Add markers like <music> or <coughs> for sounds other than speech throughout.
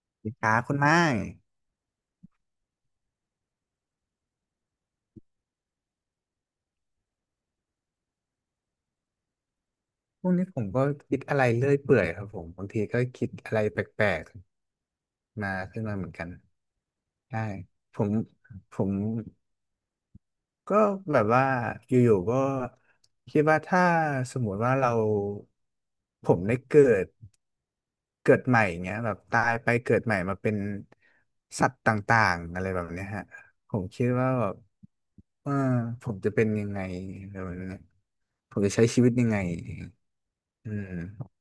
สวัสดีครับคุณไม้พวกนี้ผมก็คิดอะไรเรื่อยเปื่อยครับผมบางทีก็คิดอะไรแปลกๆมาขึ้นมาเหมือนกันใช่ผมผมก็แบบว่าอยู่ๆก็คิดว่าถ้าสมมติว่าเราผมได้เกิดใหม่เงี้ยแบบตายไปเกิดใหม่มาเป็นสัตว์ต่างๆอะไรแบบเนี้ยฮะผมคิดว่าแบบเออผมจะเป็นยังไงอะไรแบบเนี้ยผมจะใช้ชีวิตยังไง อืม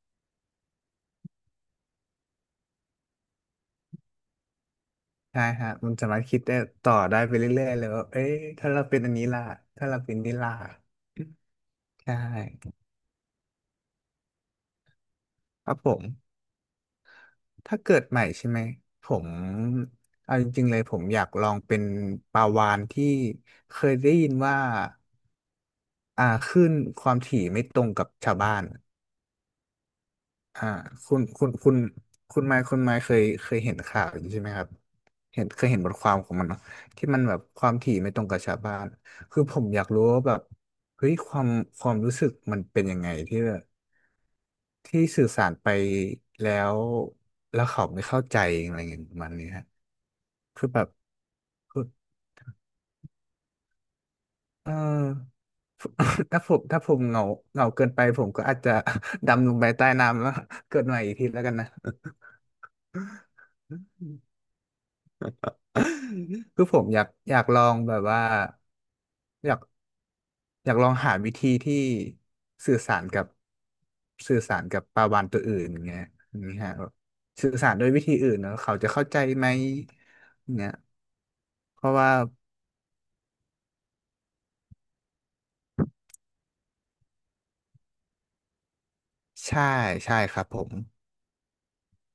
ใช่ฮะมันสามารถคิดได้ต่อได้ไปเรื่อยๆเลยว่าเอ้ยถ้าเราเป็นอันนี้ล่ะถ้าเราเป็นนี่ล่ะใช่ครับผมถ้าเกิดใหม่ใช่ไหมผมเอาจริงๆเลยผมอยากลองเป็นปลาวาฬที่เคยได้ยินว่าคลื่นความถี่ไม่ตรงกับชาวบ้าน อ่าคุณคุณคุณคุณไมค์เคยเห็นข่าวอยู่ใช่ไหมครับเคยเห็นบทความของมันเนาะที่มันแบบความถี่ไม่ตรงกับชาวบ้านคือผมอยากรู้ว่าแบบเฮ้ยความรู้สึกมันเป็นยังไงที่แบบที่สื่อสารไปแล้วแล้วเขาไม่เข้าใจอะไรเงี้ยประมาณนี้ฮะคือแบบคือเออ <laughs> ถ้าผมเหงาเหงาเกินไปผมก็อาจจะ <laughs> ดำลงไปใต้น้ำแล้ว <laughs> เกิดใหม่อีกทีแล้วกันนะ <laughs> คือผมอยากลองแบบว่าอยากอยากลองหาวิธีที่สื่อสารกับสื่อสารกับปลาวาฬตัวอื่นอย่างเงี้ยอย่างนี้ฮะแบบสื่อสารด้วยวิธีอื่นเนอะเขาจะเข้าใจไหมเงี้ยเพราะว่าใช่ใช่ครับผม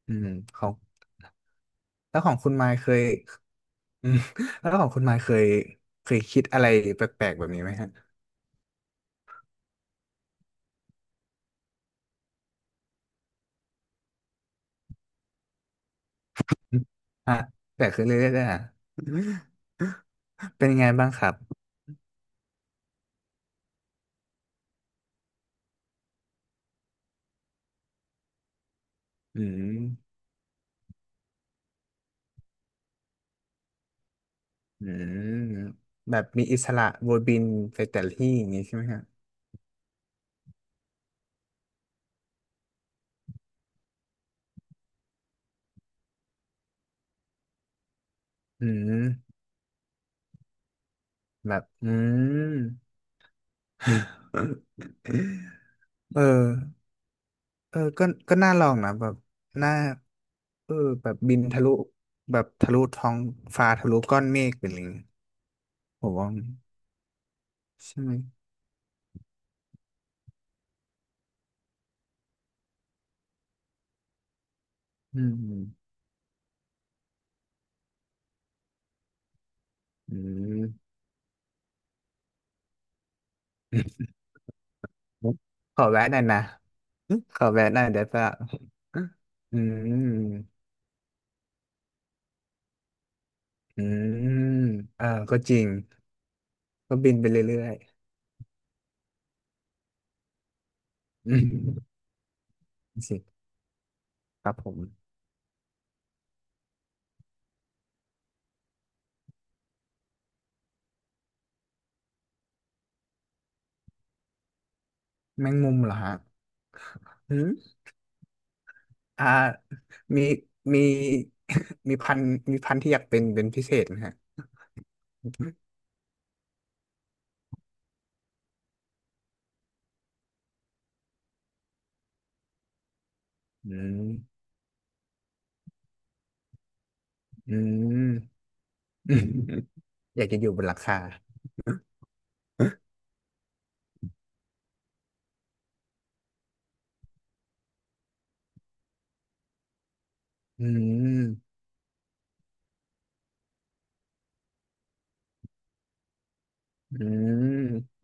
อืมของแล้วของคุณไมค์เคยอืม <laughs> แล้วของคุณไมค์เคยคิดอะไรแปลกๆแบบนี้ไหมฮะฮะแปลกขึ้นเรื่อยๆเลยอ่ะเป็นยังไงบ้างครับอืม อืมแบบมีอิสระวนบินไปแต่ละที่อย่างนี้ใช่ไหมฮะอืมแบบอืม <laughs> เออก็น่าลองนะแบบน่าเออแบบบินทะลุแบบทะลุท้องฟ้าทะลุก้อนเมฆไปเลยผมว่าใช่ไหมอืมอืม <laughs> ขอแวะหน่อยนะขอแวะหน่อยได้ปะอืมอืมเออก็จริงก็บินไปเรื่อย อืม <laughs> สิครับผมแมงมุมเหรอฮะอืมอ่ามีมี <laughs> มีพันธุ์ที่อยากเป็นพิเศษนะฮะอืมอืมอืม <laughs> อยากจะอยู่บนหลังคาอืมอืม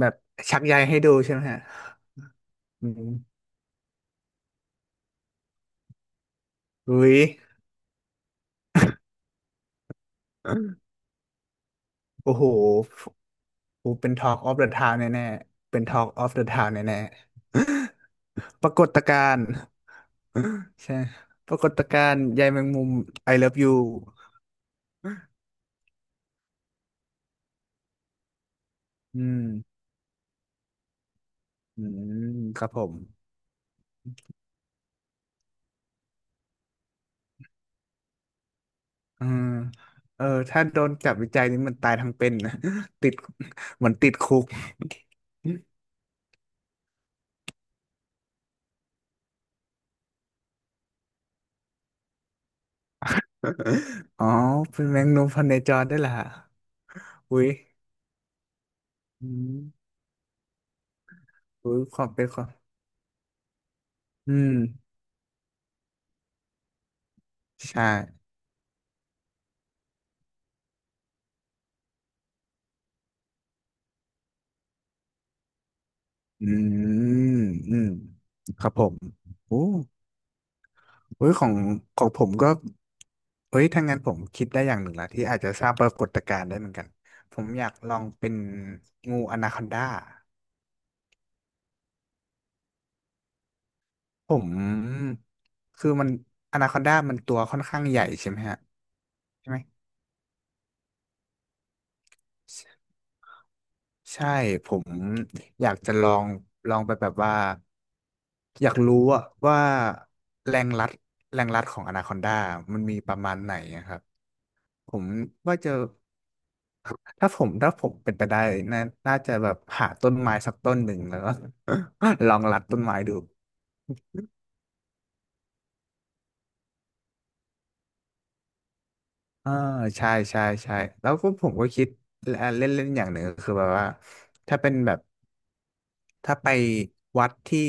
แบบชักใยให้ดูใช่ไหมฮะอืมอุ้ยโอ้โหโอ้เป็น Talk of the Town แน่ๆเป็น Talk of the Town แน่ๆปรากฏการณ์ <laughs> ใช่ปรากฏการณ์ใยแมงมุม I love you อืมอืมครับผมอืมเออ ถ้าโดนจับวิจัยนี่มันตายทั้งเป็นนะ <laughs> ติดเหมือนติดคุก <laughs> อ๋อ เป็นแมงมุมพันในจรได้วยล่ะอุ้ยอืมอุ้ยความเป็นความอืม ใช่ อืมอืมครับผมโอ้ เฮ้ยของผมก็เฮ้ยถ้างั้นผมคิดได้อย่างหนึ่งละที่อาจจะสร้างปรากฏการณ์ได้เหมือนกันผมอยากลองเป็นงูอนาคอนดาผมคือมันอนาคอนดามันตัวค่อนข้างใหญ่ใช่ไหมฮะใช่ไหมใช่ผมอยากจะลองไปแบบว่าอยากรู้อะว่าแรงรัดแรงรัดของอนาคอนดามันมีประมาณไหนอะครับผมว่าจะ ถ้าผมเป็นไปได้น่าน่าจะแบบหาต้นไม้สักต้นหนึ่งแล้วก็ <laughs> ลองรัดต้นไม้ดูอ่าใช่ใช่ใช่แล้วก็ผมก็คิดเล่นเล่นอย่างหนึ่งก็คือแบบว่าถ้าเป็นแบบถ้าไปวัดที่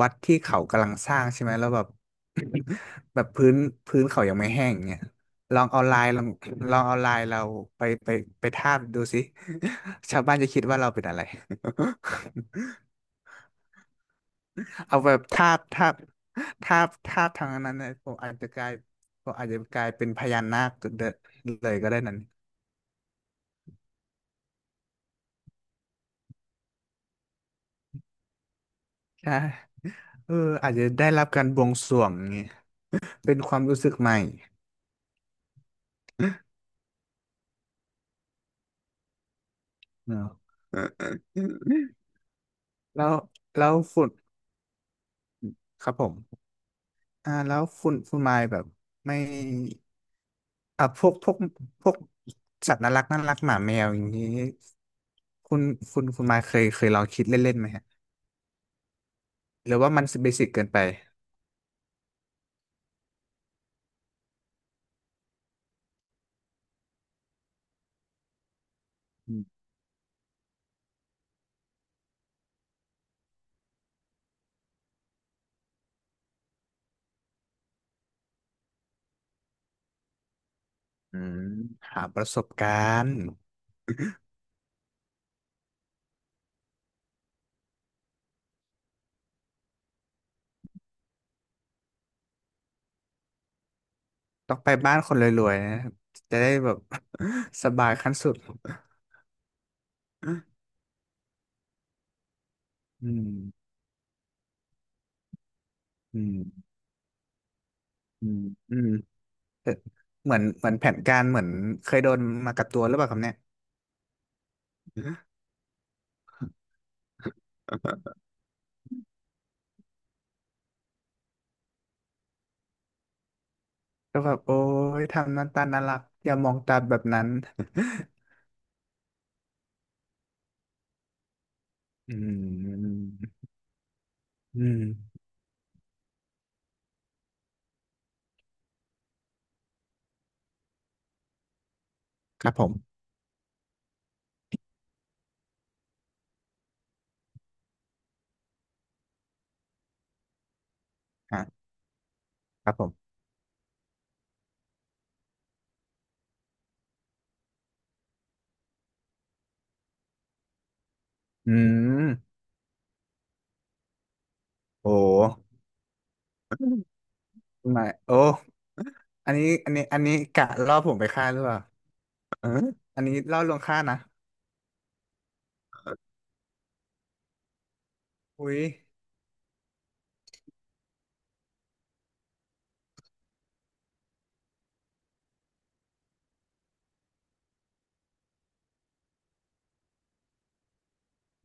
วัดที่เขากำลังสร้างใช่ไหมแล้วแบบ <coughs> <laughs> แบบพื้นเขายังไม่แห้งเนี่ยลองเอาลายลองลองเอาลายเราไปไปไปทาบดูสิ <laughs> ชาวบ้านจะคิดว่าเราเป็นอะไร <laughs> เอาแบบทาบทาบทาบทาบทางนั้นเลยผมอาจจะกลายผมอาจจะกลายเป็นพญานาคเดเลยก็ได้นั้นใช่เอออาจจะได้รับการบวงสรวงอย่างงี้เป็นความรู้สึกใหม่เนอะแล้วแล้วฝุ่นครับผมแล้วฝุ่นไม้แบบไม่อ่ะพวกสัตว์น่ารักน่ารักหมาแมวอย่างนี้คุณคุณไม้เคยลองคิดเล่นๆไหมฮะหรือว่ามันเบสิกเกินไป อืมหาประสบการณ์ต้องไปบ้านคนรวยๆนะจะได้แบบ <laughs> สบายขั้นสุดอืมอืมอืมอืมเอ่อเหมือนแผนการเหมือนเคยโดนมากับตัวหรือเปล่าครับเนี่ยก็แบบโอ้ยทำหน้าตาน่ารักอย่ามองตาแบบนั้น <laughs> อืมอืมครับผมอ่ะครับผมอืมโอ้ไม่โอ้อันนี้กะล่อผมไปฆ่าหรือเปล่าเอออันนี้ล่อลวงฆ่านะ อุ้ย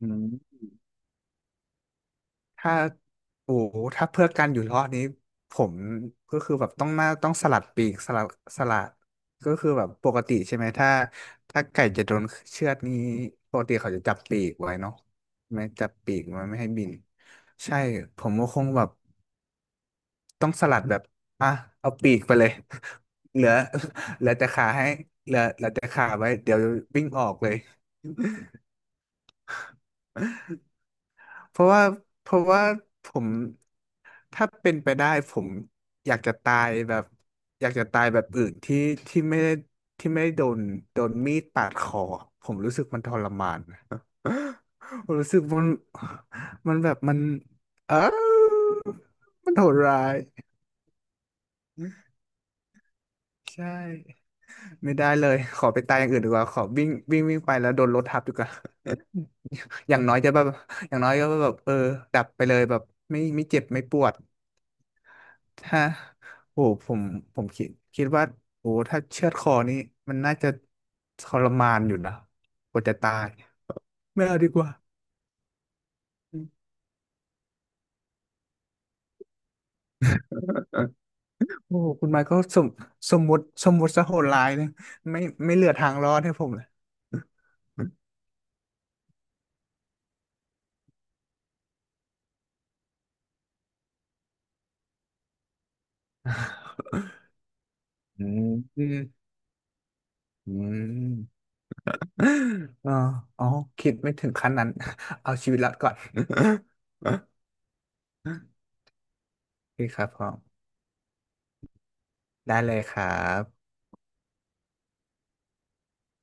อืมถ้าโอ้โหถ้าเพื่อการอยู่รอดนี้ผมก็คือแบบต้องมนาต้องสลัดปีกสลัดก็คือแบบปกติใช่ไหมถ้าไก่จะโดนเชือดนี้ปกติเขาจะจับปีกไว้เนาะไม่จับปีกไว้ไม่ให้บินใช่ผมก็คงแบบต้องสลัดแบบอ่ะเอาปีกไปเลย <laughs> เหลือเหลือแต่ขาให้เหลือแต่ขาไว้เดี๋ยววิ่งออกเลย เพราะว่าเพราะว่าผมถ้าเป็นไปได้ผมอยากจะตายแบบอยากจะตายแบบอื่นที่ที่ไม่ได้ที่ไม่ได้โดนมีดปาดคอผมรู้สึกมันทรมาน <laughs> ผมรู้สึกมันมันแบบมันเออมันโหดร้ายใช่ไม่ได้เลยขอไปตายอย่างอื่นดีกว่าขอวิ่งวิ่งวิ่งไปแล้วโดนรถทับดีกว่า <laughs> อย่างน้อยจะแบบอย่างน้อยก็แบบเออดับไปเลยแบบไม่เจ็บไม่ปวด ถ้าโอ้ผมคิดว่าโอ้ถ้าเชือดคอนี่มันน่าจะทรมานอยู่นะกว่าจะตายไม่เอาดีกว่าโอ้คุณไมค์ก็สมสมมุติสมมติซะโหดร้ายเลยไม่เหลือทางรอดให้ผมเลยอืมอืมอืมอ๋ออ๋อคิดไม่ถึงขั้นนั้น <laughs> เอาชีวิตรอดก่อน <laughs> โอเคครับผมได้เลยครับ